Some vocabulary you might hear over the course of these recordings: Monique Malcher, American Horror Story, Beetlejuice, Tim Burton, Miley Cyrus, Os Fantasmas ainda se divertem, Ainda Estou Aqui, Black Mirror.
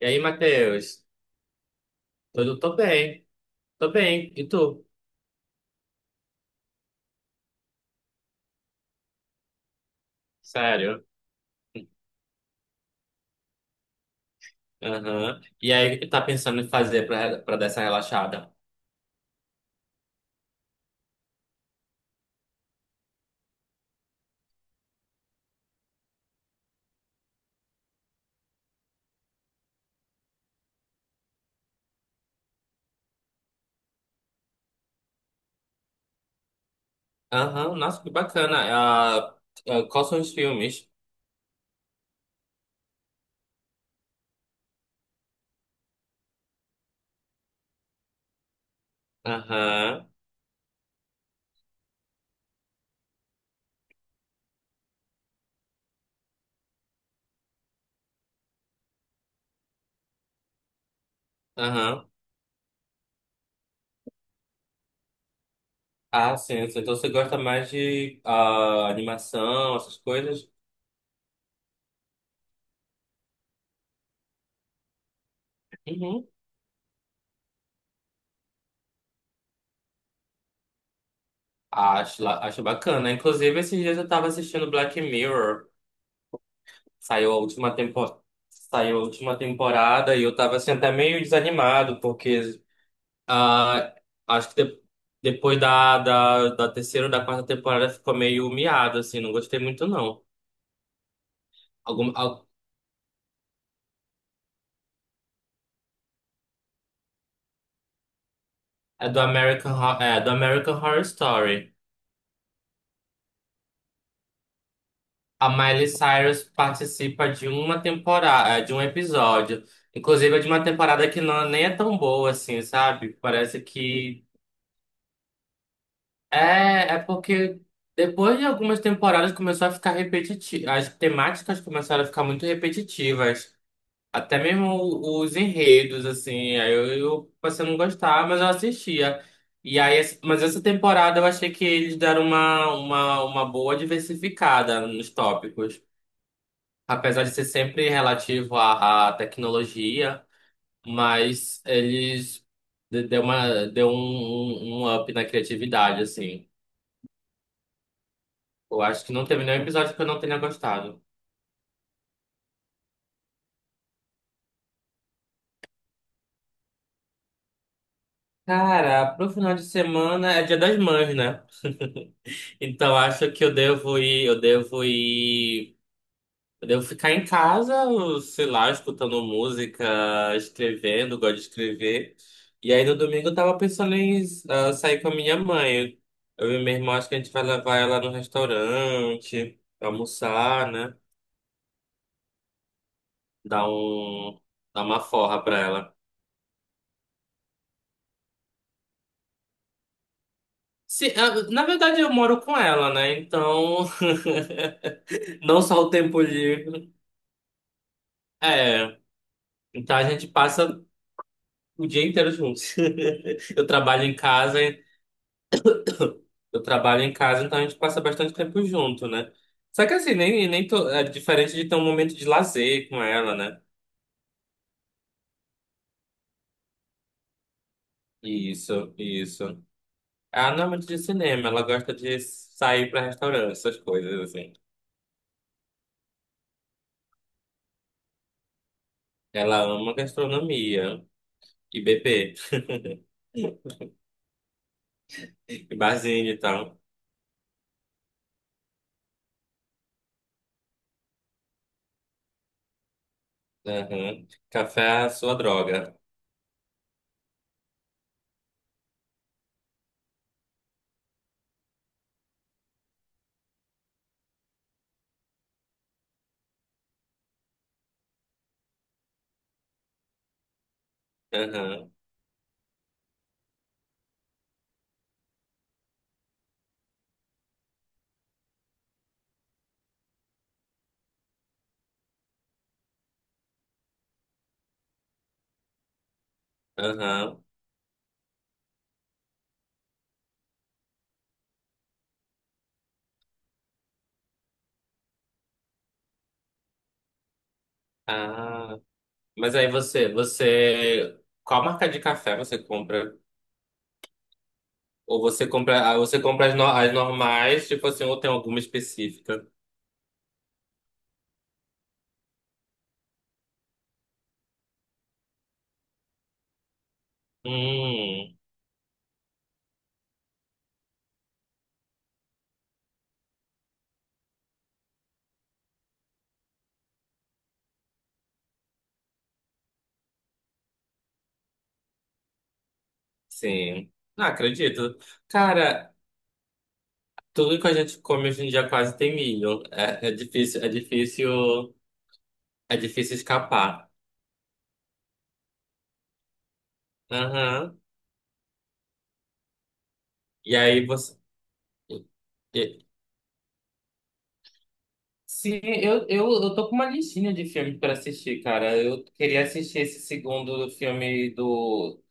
E aí, Matheus? Tudo tô bem? Tô bem. E tu? Sério? Aham. E aí, o que tá pensando em fazer pra dar essa relaxada? Aham, nossa, que bacana. Ah, ah, quais são os filmes? Aham. Aham. Ah, sim, sim. Então você gosta mais de animação, essas coisas? Uhum. Acho bacana. Inclusive, esses dias eu tava assistindo Black Mirror. Saiu a última temporada. Saiu a última temporada e eu tava assim até meio desanimado, porque Ah, acho que depois da terceira ou da quarta temporada ficou meio miado, assim, não gostei muito, não. Algum, al- é do é do American Horror Story. A Miley Cyrus participa de uma temporada, de um episódio. Inclusive, é de uma temporada que não, nem é tão boa, assim, sabe? Parece que. É, é porque depois de algumas temporadas começou a ficar repetitivo. As temáticas começaram a ficar muito repetitivas. Até mesmo os enredos, assim, aí eu passei a não gostar, mas eu assistia. E aí, mas essa temporada eu achei que eles deram uma boa diversificada nos tópicos. Apesar de ser sempre relativo à tecnologia, mas eles deu uma, deu um up na criatividade, assim. Eu acho que não teve nenhum episódio que eu não tenha gostado. Cara, pro final de semana é dia das mães, né? Então, acho que eu devo ir, eu devo ficar em casa, sei lá, escutando música, escrevendo, gosto de escrever. E aí no domingo eu tava pensando em sair com a minha mãe. Eu e minha irmã, acho que a gente vai levar ela no restaurante, almoçar, né? Dar um, dar uma forra pra ela. Se, ah, Na verdade, eu moro com ela, né? Então, não só o tempo livre. É, então a gente passa o dia inteiro juntos. Eu trabalho eu trabalho em casa, então a gente passa bastante tempo junto, né? Só que assim, nem tô é diferente de ter um momento de lazer com ela, né? Isso, isso. Ela não é muito de cinema, ela gosta de sair pra restaurante, essas coisas assim. Ela ama gastronomia e beber, e barzinho e tal. Aham. Café é a sua droga. Aham, aham. Ah. Mas aí qual marca de café você compra? Ou você compra, você compra as, no- as normais, tipo assim, ou tem alguma específica? Hum, sim. Ah, acredito. Cara, tudo que a gente come hoje em dia quase tem milho. É, é difícil escapar. Aham. E aí você e- sim, eu tô com uma listinha de filmes pra assistir, cara. Eu queria assistir esse segundo filme do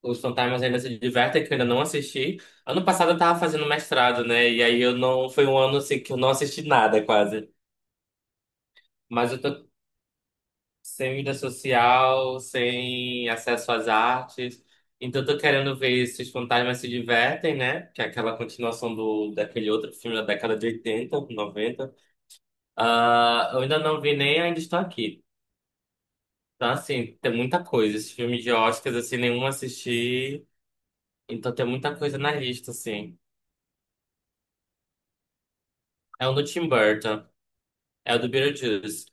Os Fantasmas Ainda Se Divertem, que eu ainda não assisti. Ano passado eu tava fazendo mestrado, né? E aí eu não. Foi um ano assim que eu não assisti nada, quase. Mas eu tô sem vida social, sem acesso às artes. Então eu tô querendo ver Se Os Fantasmas Se Divertem, né? Que é aquela continuação daquele outro filme da década de 80, 90. Ah, eu ainda não vi nem Ainda Estou Aqui. Então, assim, tem muita coisa. Esse filme de Oscars, assim, nenhum assisti. Então tem muita coisa na lista, assim. É um do Tim Burton. É o do Beetlejuice.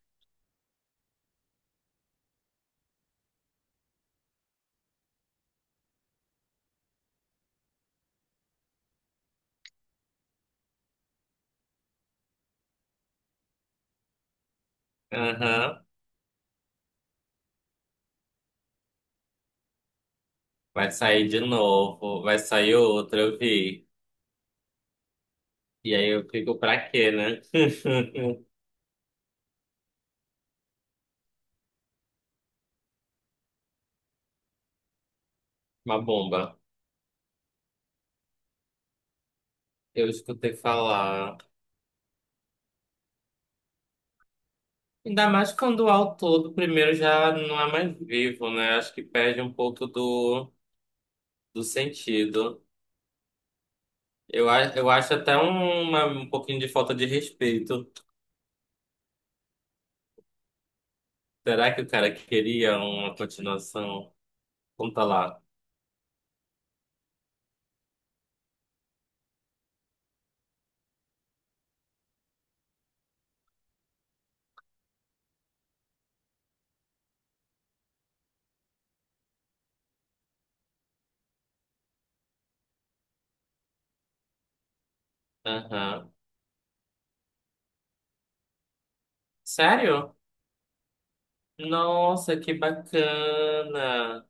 Aham. Vai sair de novo. Vai sair outro, eu vi. E aí eu fico pra quê, né? Uma bomba. Eu escutei falar. Ainda mais quando o autor do primeiro já não é mais vivo, né? Acho que perde um pouco do sentido. Eu, eu acho até uma, um pouquinho de falta de respeito. Será que o cara queria uma continuação? Conta lá. Aham. Sério? Nossa, que bacana!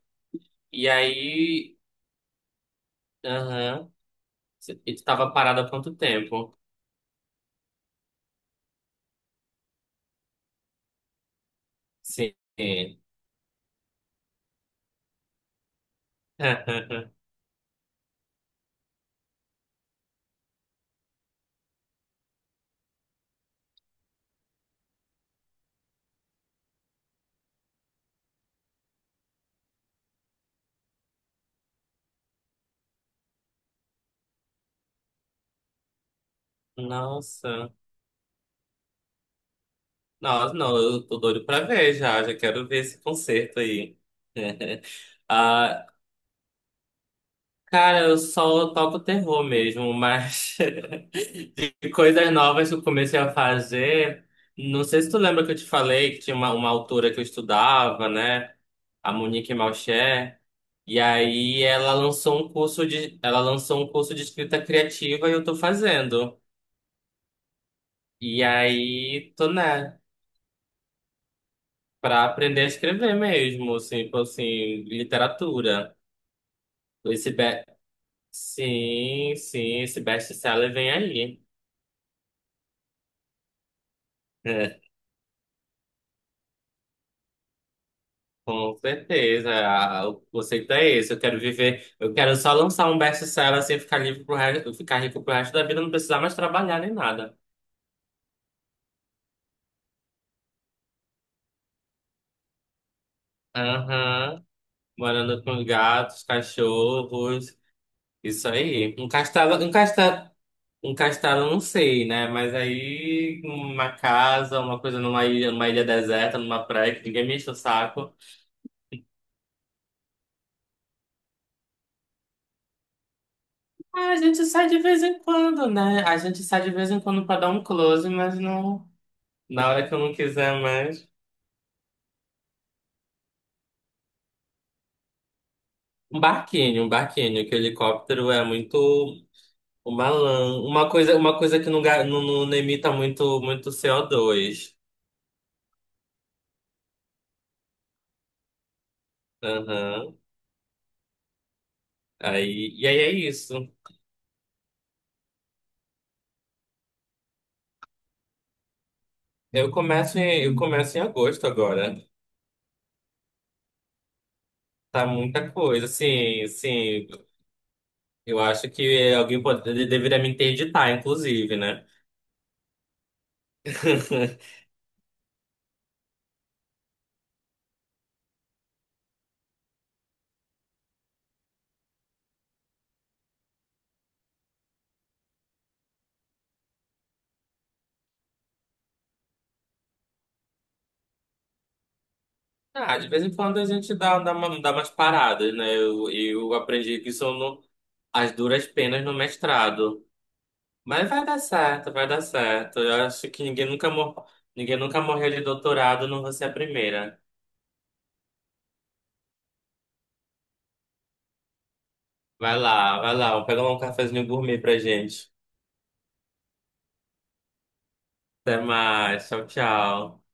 E aí, aham, e tu tava parada há quanto tempo? Sim. Nossa. Nossa, não, eu tô doido pra ver, já já quero ver esse concerto aí. Ah, cara, eu só toco terror mesmo, mas e coisas novas que eu comecei a fazer. Não sei se tu lembra que eu te falei que tinha uma autora que eu estudava, né? A Monique Malcher. E aí ela lançou ela lançou um curso de escrita criativa e eu tô fazendo. E aí tô, né, pra aprender a escrever mesmo, assim, literatura. Esse be... Sim, sim, esse best-seller vem aí. Com certeza, o conceito é esse. Eu quero viver, eu quero só lançar um best-seller assim, ficar livre pro resto, ficar rico pro resto da vida, não precisar mais trabalhar nem nada. Aham, morando com os gatos, cachorros, isso aí. Um castelo, não sei, né? Mas aí uma casa, uma coisa numa ilha deserta, numa praia, que ninguém me enche o saco. Ah, a gente sai de vez em quando, né? A gente sai de vez em quando pra dar um close, mas não, na hora que eu não quiser mais. Um barquinho, que o helicóptero é muito uma coisa que não, emita muito, muito CO2. Aham. Aí, e aí é isso. Eu começo em agosto agora. Tá muita coisa, sim, sim. Eu acho que alguém pode, ele deveria me interditar, inclusive, né? Ah, de vez em quando a gente dá umas paradas, né? Eu aprendi que isso as duras penas no mestrado. Mas vai dar certo, vai dar certo. Eu acho que ninguém nunca morreu de doutorado, não vou ser a primeira. Vai lá, vou pegar um cafezinho gourmet pra gente. Até mais, tchau, tchau.